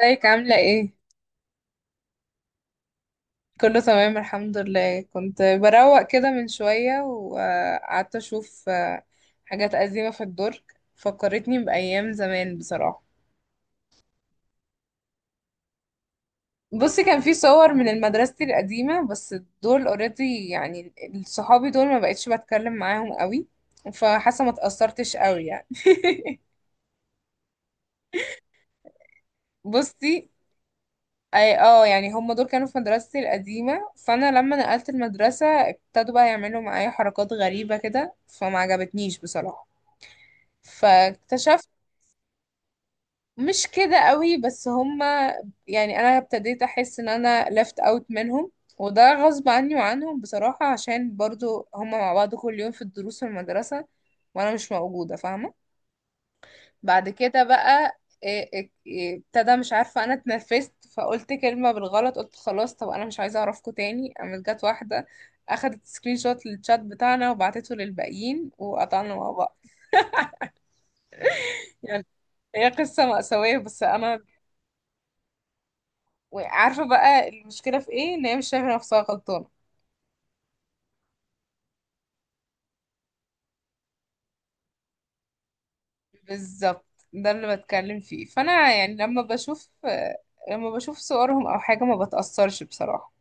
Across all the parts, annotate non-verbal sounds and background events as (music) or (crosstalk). ازيك عاملة ايه؟ كله تمام الحمد لله. كنت بروق كده من شوية وقعدت اشوف حاجات قديمة في الدرج. فكرتني بأيام زمان بصراحة. بصي، كان في صور من مدرستي القديمة، بس دول اوريدي يعني. صحابي دول ما بقتش بتكلم معاهم قوي، فحاسة ما اتأثرتش قوي يعني. (laughs) بصي، اي يعني هم دول كانوا في مدرستي القديمة، فانا لما نقلت المدرسة ابتدوا بقى يعملوا معايا حركات غريبة كده فما عجبتنيش بصراحة. فاكتشفت مش كده قوي، بس هما يعني انا ابتديت احس ان انا left out منهم، وده غصب عني وعنهم بصراحة عشان برضو هما مع بعض كل يوم في الدروس في المدرسة وانا مش موجودة، فاهمة؟ بعد كده بقى إيه- إيه- إيه، ابتدى، مش عارفة، انا اتنفست فقلت كلمة بالغلط، قلت خلاص طب انا مش عايزة اعرفكوا تاني. قامت جت واحدة اخدت سكرين شوت للشات بتاعنا وبعتته للباقيين وقطعنا مع بعض. يعني هي قصة مأساوية بس أنا. وعارفة بقى المشكلة في ايه؟ ان هي مش شايفة نفسها غلطانة. بالظبط، ده اللي بتكلم فيه. فانا يعني لما بشوف صورهم او حاجة ما بتأثرش بصراحة.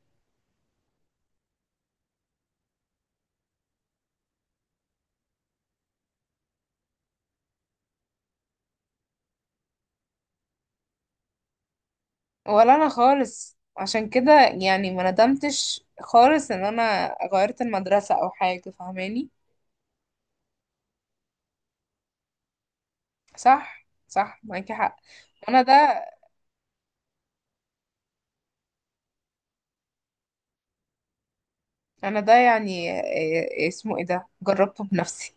ولا انا خالص، عشان كده يعني ما ندمتش خالص ان انا غيرت المدرسة او حاجة، فاهماني؟ صح صح، معاكي حق. انا ده انا ده يعني اسمه ايه؟ ده جربته بنفسي.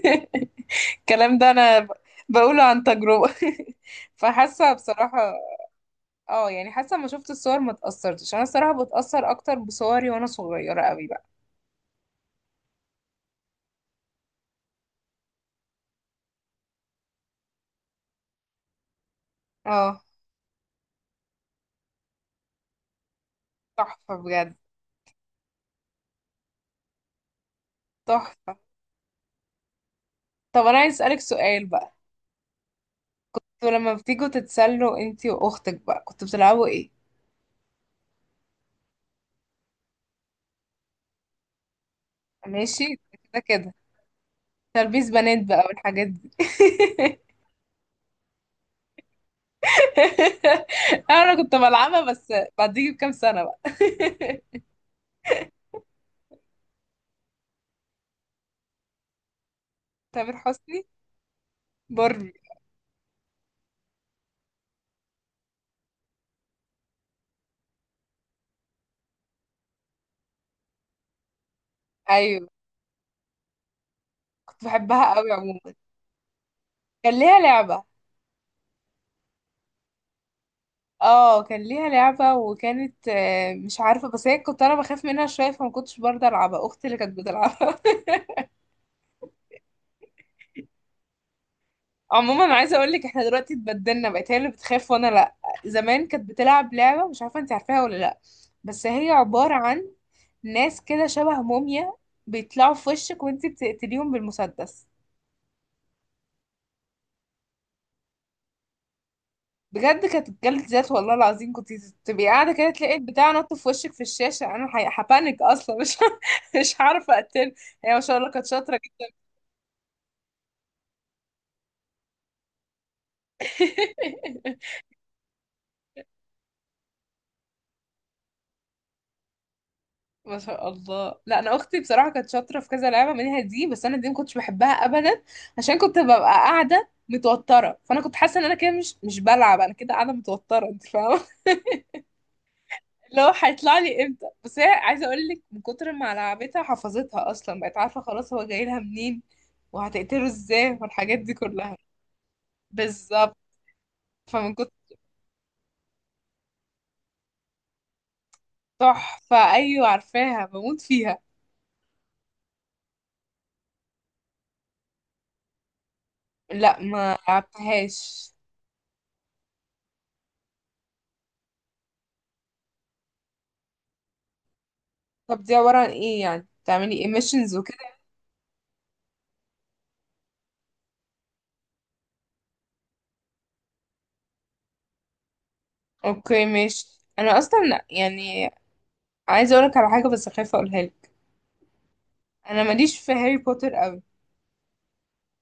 (laughs) الكلام ده انا بقوله عن تجربة. (laughs) فحاسة بصراحة. اه يعني حاسه، ما شفت الصور ما اتأثرتش. انا الصراحه بتأثر اكتر بصوري وانا صغيره قوي بقى. اه تحفه بجد. تحفه. طب انا عايز اسالك سؤال بقى. انتوا لما بتيجوا تتسلوا انتي واختك بقى كنتوا بتلعبوا ايه؟ ماشي. كده كده. تلبيس بنات بقى والحاجات دي. (laughs) انا كنت بلعبها بس بعديه بكام سنه بقى. (laughs) تامر حسني. باربي. ايوه كنت بحبها قوي عموما. كان ليها لعبه. اه كان ليها لعبة، وكانت مش عارفة، بس هي كنت انا بخاف منها شوية فما كنتش برضه العبها، اختي اللي كانت بتلعبها. (laughs) عموما انا عايزة اقولك، احنا دلوقتي اتبدلنا، بقت هي اللي بتخاف وانا لا. زمان كانت بتلعب لعبة، مش عارفة انت عارفاها ولا لا، بس هي عبارة عن ناس كده شبه موميا بيطلعوا في وشك وانت بتقتليهم بالمسدس. بجد كانت جلد ذات، والله العظيم. كنت تبقي قاعدة كده تلاقي البتاع نط في وشك في الشاشة. انا هبانك اصلا مش (laughs) مش عارفة اقتله. هي ما شاء الله كانت شاطرة. (laughs) ما شاء الله. لا انا اختي بصراحه كانت شاطره في كذا لعبه منها دي، بس انا دي ما كنتش بحبها ابدا، عشان كنت ببقى قاعده متوتره. فانا كنت حاسه ان انا كده مش بلعب، انا كده قاعده متوتره، انت فاهمه؟ (laughs) اللي هو هيطلع لي امتى. بس هي عايزه اقول لك، من كتر ما لعبتها حفظتها اصلا، بقت عارفه خلاص هو جاي لها منين وهتقتله ازاي والحاجات دي كلها. بالظبط. فمن كتر. تحفه، ايوه عارفاها، بموت فيها. لا ما لعبتهاش. طب دي عبارة عن ايه؟ يعني بتعملي emissions وكده. اوكي ماشي. انا اصلا يعني عايزه اقولك على حاجه بس خايفه اقولها لك. انا ماليش في هاري بوتر قوي.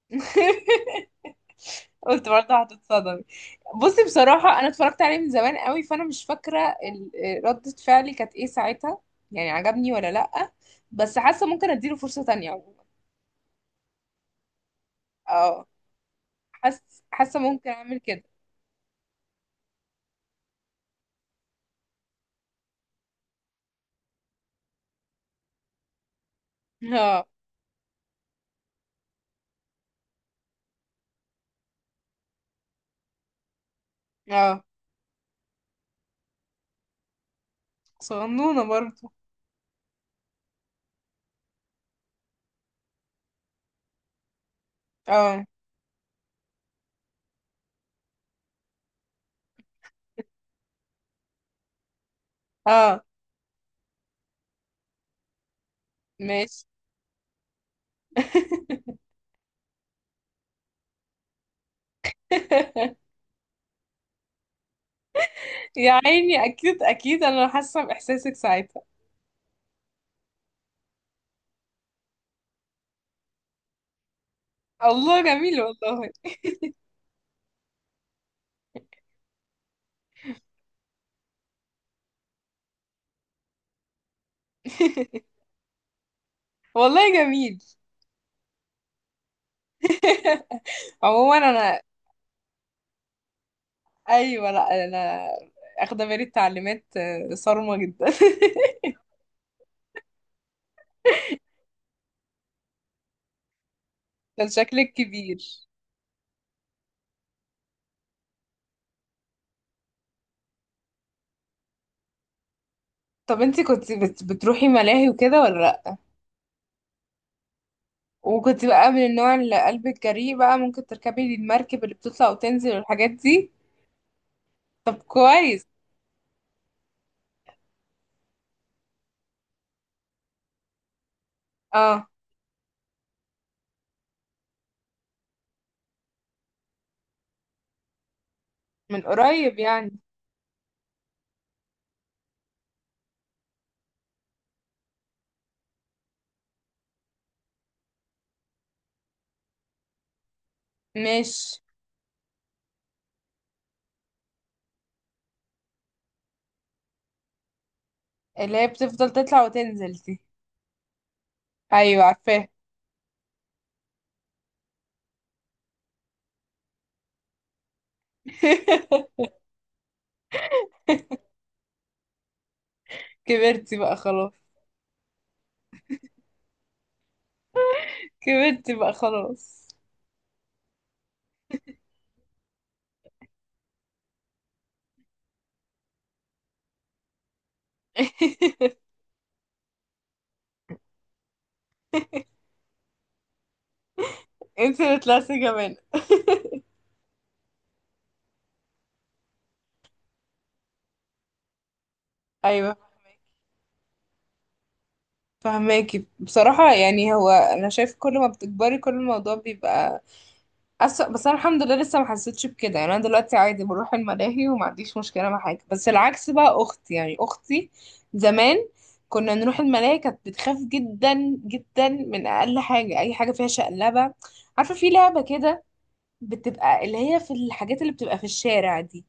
(laughs) قلت برضه هتتصدمي. بصي بصراحه انا اتفرجت عليه من زمان قوي، فانا مش فاكره ردة فعلي كانت ايه ساعتها، يعني عجبني ولا لأ. بس حاسه ممكن اديله فرصه تانية عموما. اه حاسه، حاسه ممكن اعمل كده. (laughs) اه. اه صغنونه برضه. اه. اه ماشي. (laughs) يا عيني، اكيد اكيد انا حاسه باحساسك ساعتها. الله جميل والله. (laughs) والله جميل. (laughs) عموما انا. ايوه. لا انا اخده بالي، التعليمات صارمه جدا. (laughs) كان شكلك كبير. طب انتي كنت بتروحي ملاهي وكده ولا لا؟ وكنت بقى من النوع اللي قلبك جريء بقى ممكن تركبي المركب اللي بتطلع وتنزل والحاجات دي؟ طب كويس. اه من قريب يعني. مش اللي هي بتفضل تطلع وتنزل دي؟ ايوه عارفاه. (laughs) كبرتي بقى خلاص. كبرتي بقى خلاص. (laughs) انت اللي طلعتي جبانة. ايوه فهماكي بصراحة. يعني هو انا شايف كل ما بتكبري كل الموضوع بيبقى أسوأ، بس انا الحمد لله لسه ما حسيتش بكده. يعني انا دلوقتي عادي بروح الملاهي وما عنديش مشكلة مع حاجة، بس العكس بقى اختي، يعني اختي زمان كنا نروح الملاهي كانت بتخاف جدا جدا من اقل حاجة، اي حاجة فيها شقلبة. عارفة في لعبة كده، بتبقى اللي هي في الحاجات اللي بتبقى في الشارع دي،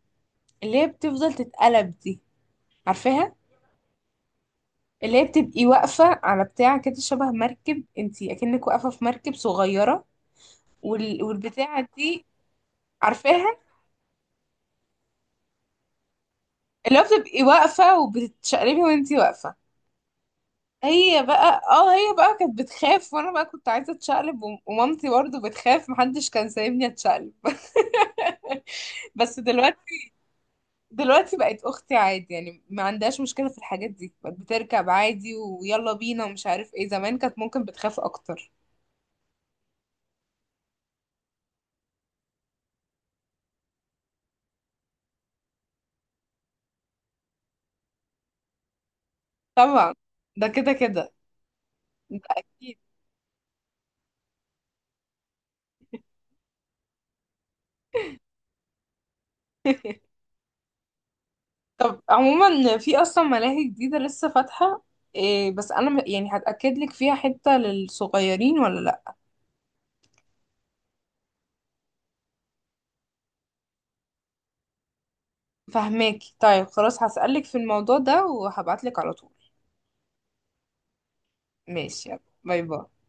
اللي هي بتفضل تتقلب دي، عارفاها؟ اللي هي بتبقي واقفة على بتاع كده شبه مركب، انتي اكنك واقفة في مركب صغيرة، والبتاعة دي. عارفاها؟ اللي هو بتبقي واقفة وبتتشقلبي وانتي واقفة. هي بقى كانت بتخاف وانا بقى كنت عايزة اتشقلب، ومامتي برضو بتخاف، محدش كان سايبني اتشقلب. (laughs) بس دلوقتي، دلوقتي بقت اختي عادي، يعني ما عندهاش مشكلة في الحاجات دي، بقت بتركب عادي ويلا بينا ومش عارف ايه، زمان كانت ممكن بتخاف اكتر. طبعا، ده كده كده. ده اكيد. (laughs) طب عموما في اصلا ملاهي جديدة لسه فاتحة، إيه بس انا يعني هتأكد لك فيها حتة للصغيرين ولا لا. فهماكي. طيب خلاص هسألك في الموضوع ده وهبعت لك على طول. ماشي، يلا، باي باي.